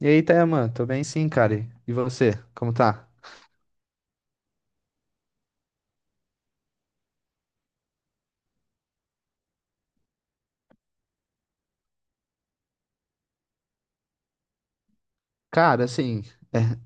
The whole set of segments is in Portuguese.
E aí, Tayaman, tô bem sim, cara. E você, como tá? Cara, assim, é,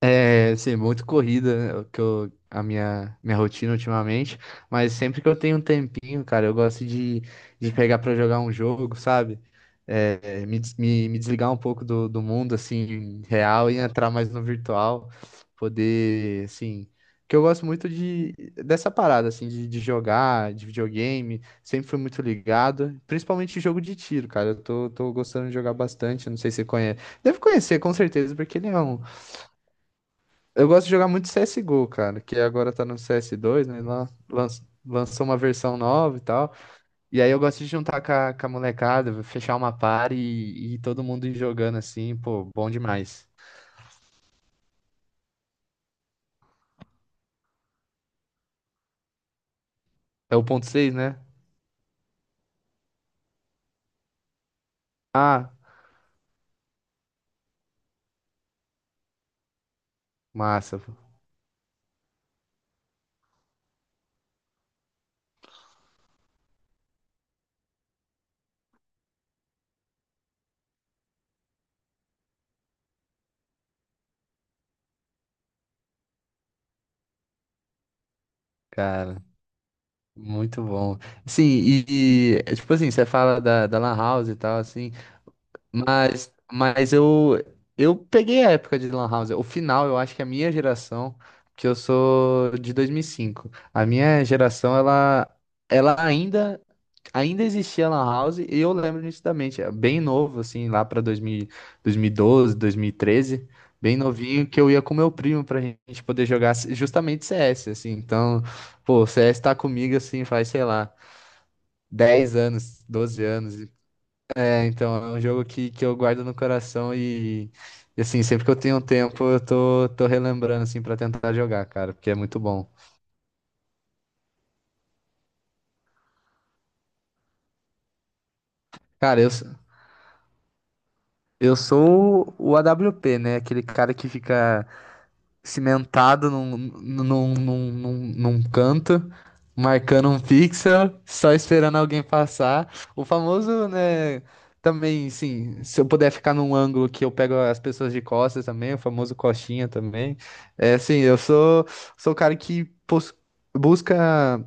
Assim, muito corrida, né, o que eu, a minha rotina ultimamente, mas sempre que eu tenho um tempinho, cara, eu gosto de pegar pra jogar um jogo, sabe? Me desligar um pouco do mundo, assim, real e entrar mais no virtual, poder, assim, que eu gosto muito de, dessa parada, assim, de jogar, de videogame, sempre fui muito ligado, principalmente jogo de tiro, cara, tô gostando de jogar bastante, não sei se você conhece, deve conhecer, com certeza, porque ele é um eu gosto de jogar muito CSGO, cara, que agora tá no CS2, né? Lançou uma versão nova e tal. E aí eu gosto de juntar com com a molecada, fechar uma party e todo mundo ir jogando assim, pô, bom demais. É o ponto 6, né? Ah, massa, pô. Cara, muito bom. Sim, é tipo assim, você fala da Lan House e tal, assim, Mas eu peguei a época de Lan House. O final, eu acho que é a minha geração, que eu sou de 2005, a minha geração, ela ainda, ainda existia Lan House e eu lembro nitidamente, é bem novo, assim, lá para 2000, 2012, 2013, bem novinho, que eu ia com meu primo pra gente poder jogar justamente CS, assim. Então, pô, o CS tá comigo, assim, faz, sei lá, 10 anos, 12 anos. É, então, é um jogo que eu guardo no coração e, assim, sempre que eu tenho tempo, tô relembrando, assim, pra tentar jogar, cara, porque é muito bom. Cara, eu, s- eu sou o AWP, né? Aquele cara que fica cimentado num canto, marcando um pixel, só esperando alguém passar. O famoso, né? Também, sim, se eu puder ficar num ângulo que eu pego as pessoas de costas também, o famoso coxinha também. É assim, eu sou, Sou o cara busca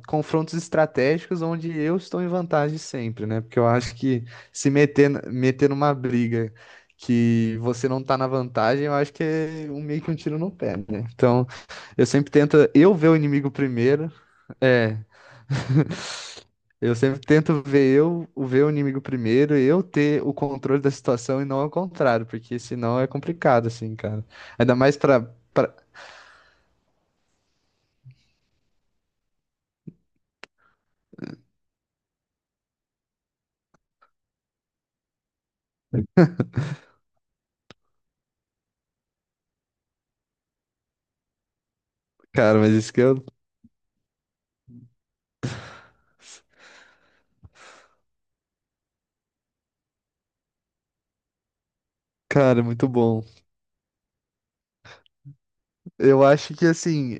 confrontos estratégicos onde eu estou em vantagem sempre, né? Porque eu acho que se meter, meter numa briga que você não tá na vantagem, eu acho que é um, meio que um tiro no pé, né? Então, eu sempre tento eu ver o inimigo primeiro. É, eu sempre tento ver o inimigo primeiro, eu ter o controle da situação e não ao contrário, porque senão é complicado assim, cara. Ainda mais pra, pra... Cara, mas isso que eu Cara, é muito bom. Eu acho que assim,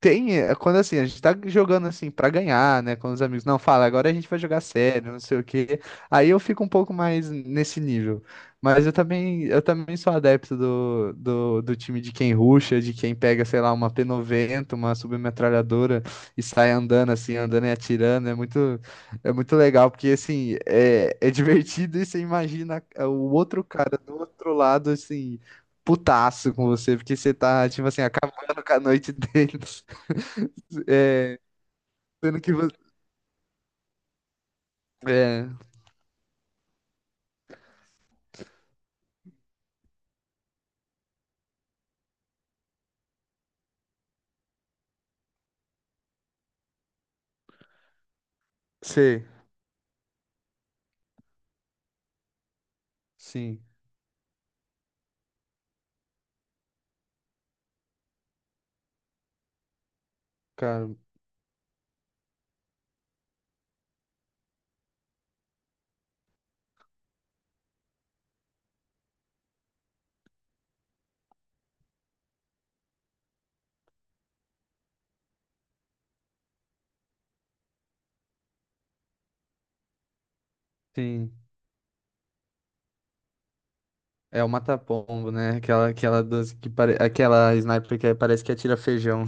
tem, é quando assim, a gente tá jogando assim pra ganhar, né, com os amigos. Não, fala, agora a gente vai jogar sério, não sei o quê. Aí eu fico um pouco mais nesse nível. Mas eu também sou adepto do time de quem rusha, de quem pega, sei lá, uma P90 uma submetralhadora e sai andando assim, andando e atirando. É muito legal, porque assim, é divertido e você imagina é, o outro cara do outro lado, assim, putaço com você, porque você tá, tipo assim, acabando com a noite dele. É, sendo que você. É, sei, sim, cara, sim. É o mata-pombo, né? Aquela dança que pare... aquela sniper que é, parece que atira feijão.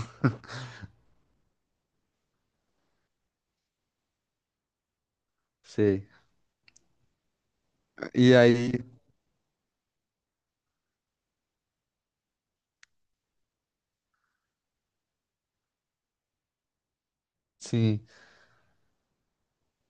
Sei. E aí, sim.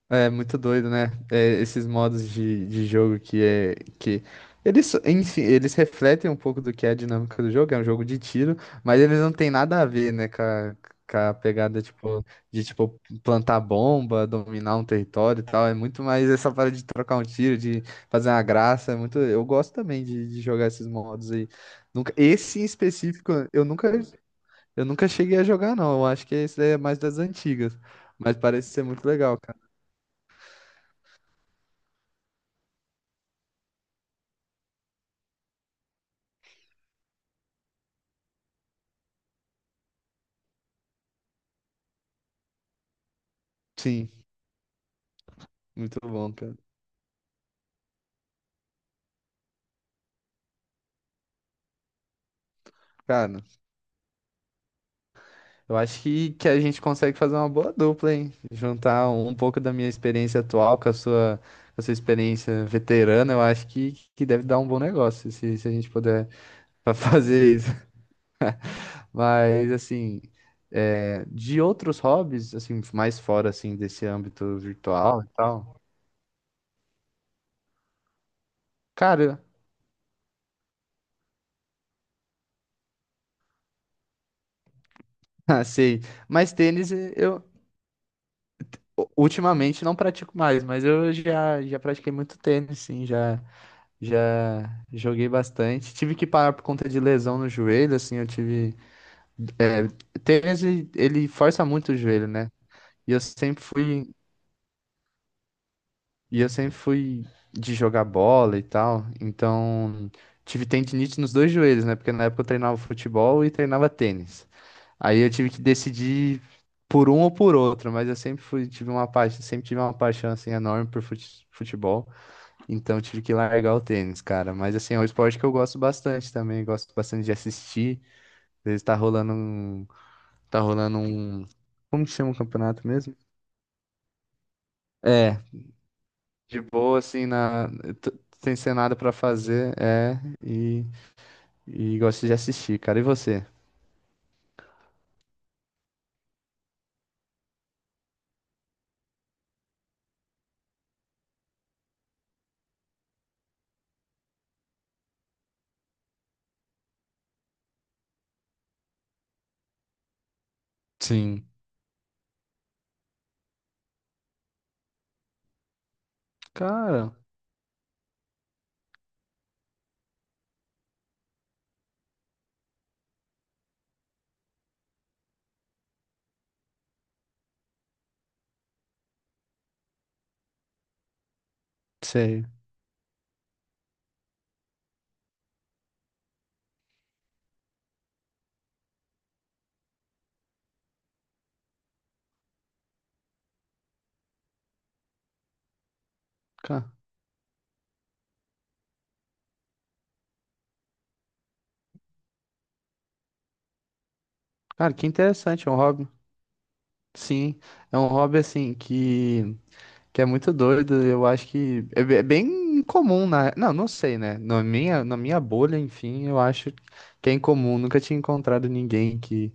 É muito doido, né? É, esses modos de jogo que é que eles, enfim, eles refletem um pouco do que é a dinâmica do jogo, é um jogo de tiro, mas eles não têm nada a ver, né, com a pegada tipo de tipo plantar bomba, dominar um território e tal. É muito mais essa parada de trocar um tiro, de fazer uma graça, é muito, eu gosto também de jogar esses modos aí. Nunca, esse em específico, eu nunca Eu nunca cheguei a jogar não. Eu acho que esse daí é mais das antigas, mas parece ser muito legal, cara. Sim. Muito bom, cara. Cara, eu acho que a gente consegue fazer uma boa dupla, hein? Juntar um pouco da minha experiência atual com a sua experiência veterana, eu acho que deve dar um bom negócio se, se a gente puder fazer isso. Mas, assim, é, de outros hobbies, assim, mais fora, assim, desse âmbito virtual e tal, cara, eu- ah, sei, mas tênis eh, eu ultimamente não pratico mais, mas eu já, já pratiquei muito tênis, sim, já. Já joguei bastante. Tive que parar por conta de lesão no joelho, assim, eu tive. É, tênis, ele força muito o joelho, né? E eu sempre fui. E eu sempre fui de jogar bola e tal. Então, tive tendinite nos dois joelhos, né? Porque na época eu treinava futebol e treinava tênis. Aí eu tive que decidir por um ou por outro, mas eu sempre fui, tive uma paixão, sempre tive uma paixão assim enorme por futebol. Então tive que largar o tênis, cara. Mas assim, é um esporte que eu gosto bastante também. Gosto bastante de assistir. Às vezes tá rolando um. Tá rolando um. Como que chama o campeonato mesmo? É. De boa, assim, na. T- Sem ser nada pra fazer, é. E, e gosto de assistir, cara. E você? Sim. Cara, sei. Ca- Cara, que interessante, é um hobby. Sim. É um hobby assim que. Que é muito doido, eu acho que é é bem comum na, não, não sei, né? Na minha bolha, enfim, eu acho que é incomum, nunca tinha encontrado ninguém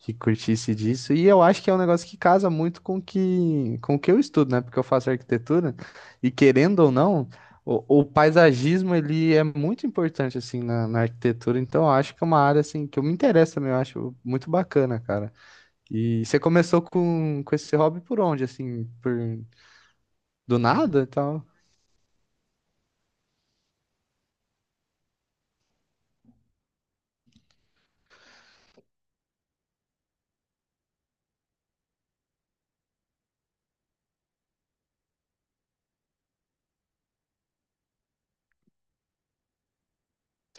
que curtisse disso. E eu acho que é um negócio que casa muito com o que eu estudo, né? Porque eu faço arquitetura e querendo ou não, o paisagismo ele é muito importante assim na, na arquitetura, então eu acho que é uma área assim que eu me interesso também, eu acho muito bacana, cara. E você começou com esse hobby por onde, assim, por do nada, então.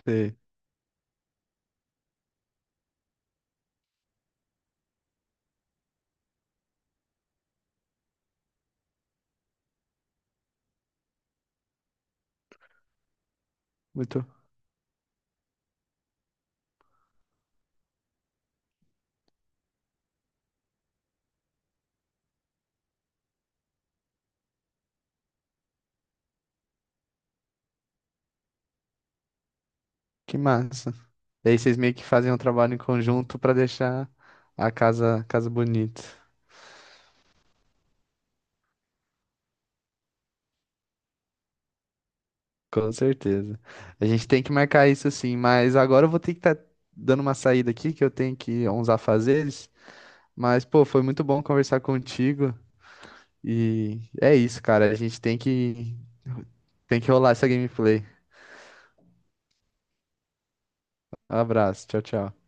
Sei. Muito. Que massa. E aí vocês meio que fazem um trabalho em conjunto pra deixar a casa bonita. Com certeza. A gente tem que marcar isso sim, mas agora eu vou ter que estar dando uma saída aqui, que eu tenho que ir a uns afazeres. Mas, pô, foi muito bom conversar contigo. E é isso, cara. A gente tem que rolar essa gameplay. Um abraço. Tchau, tchau.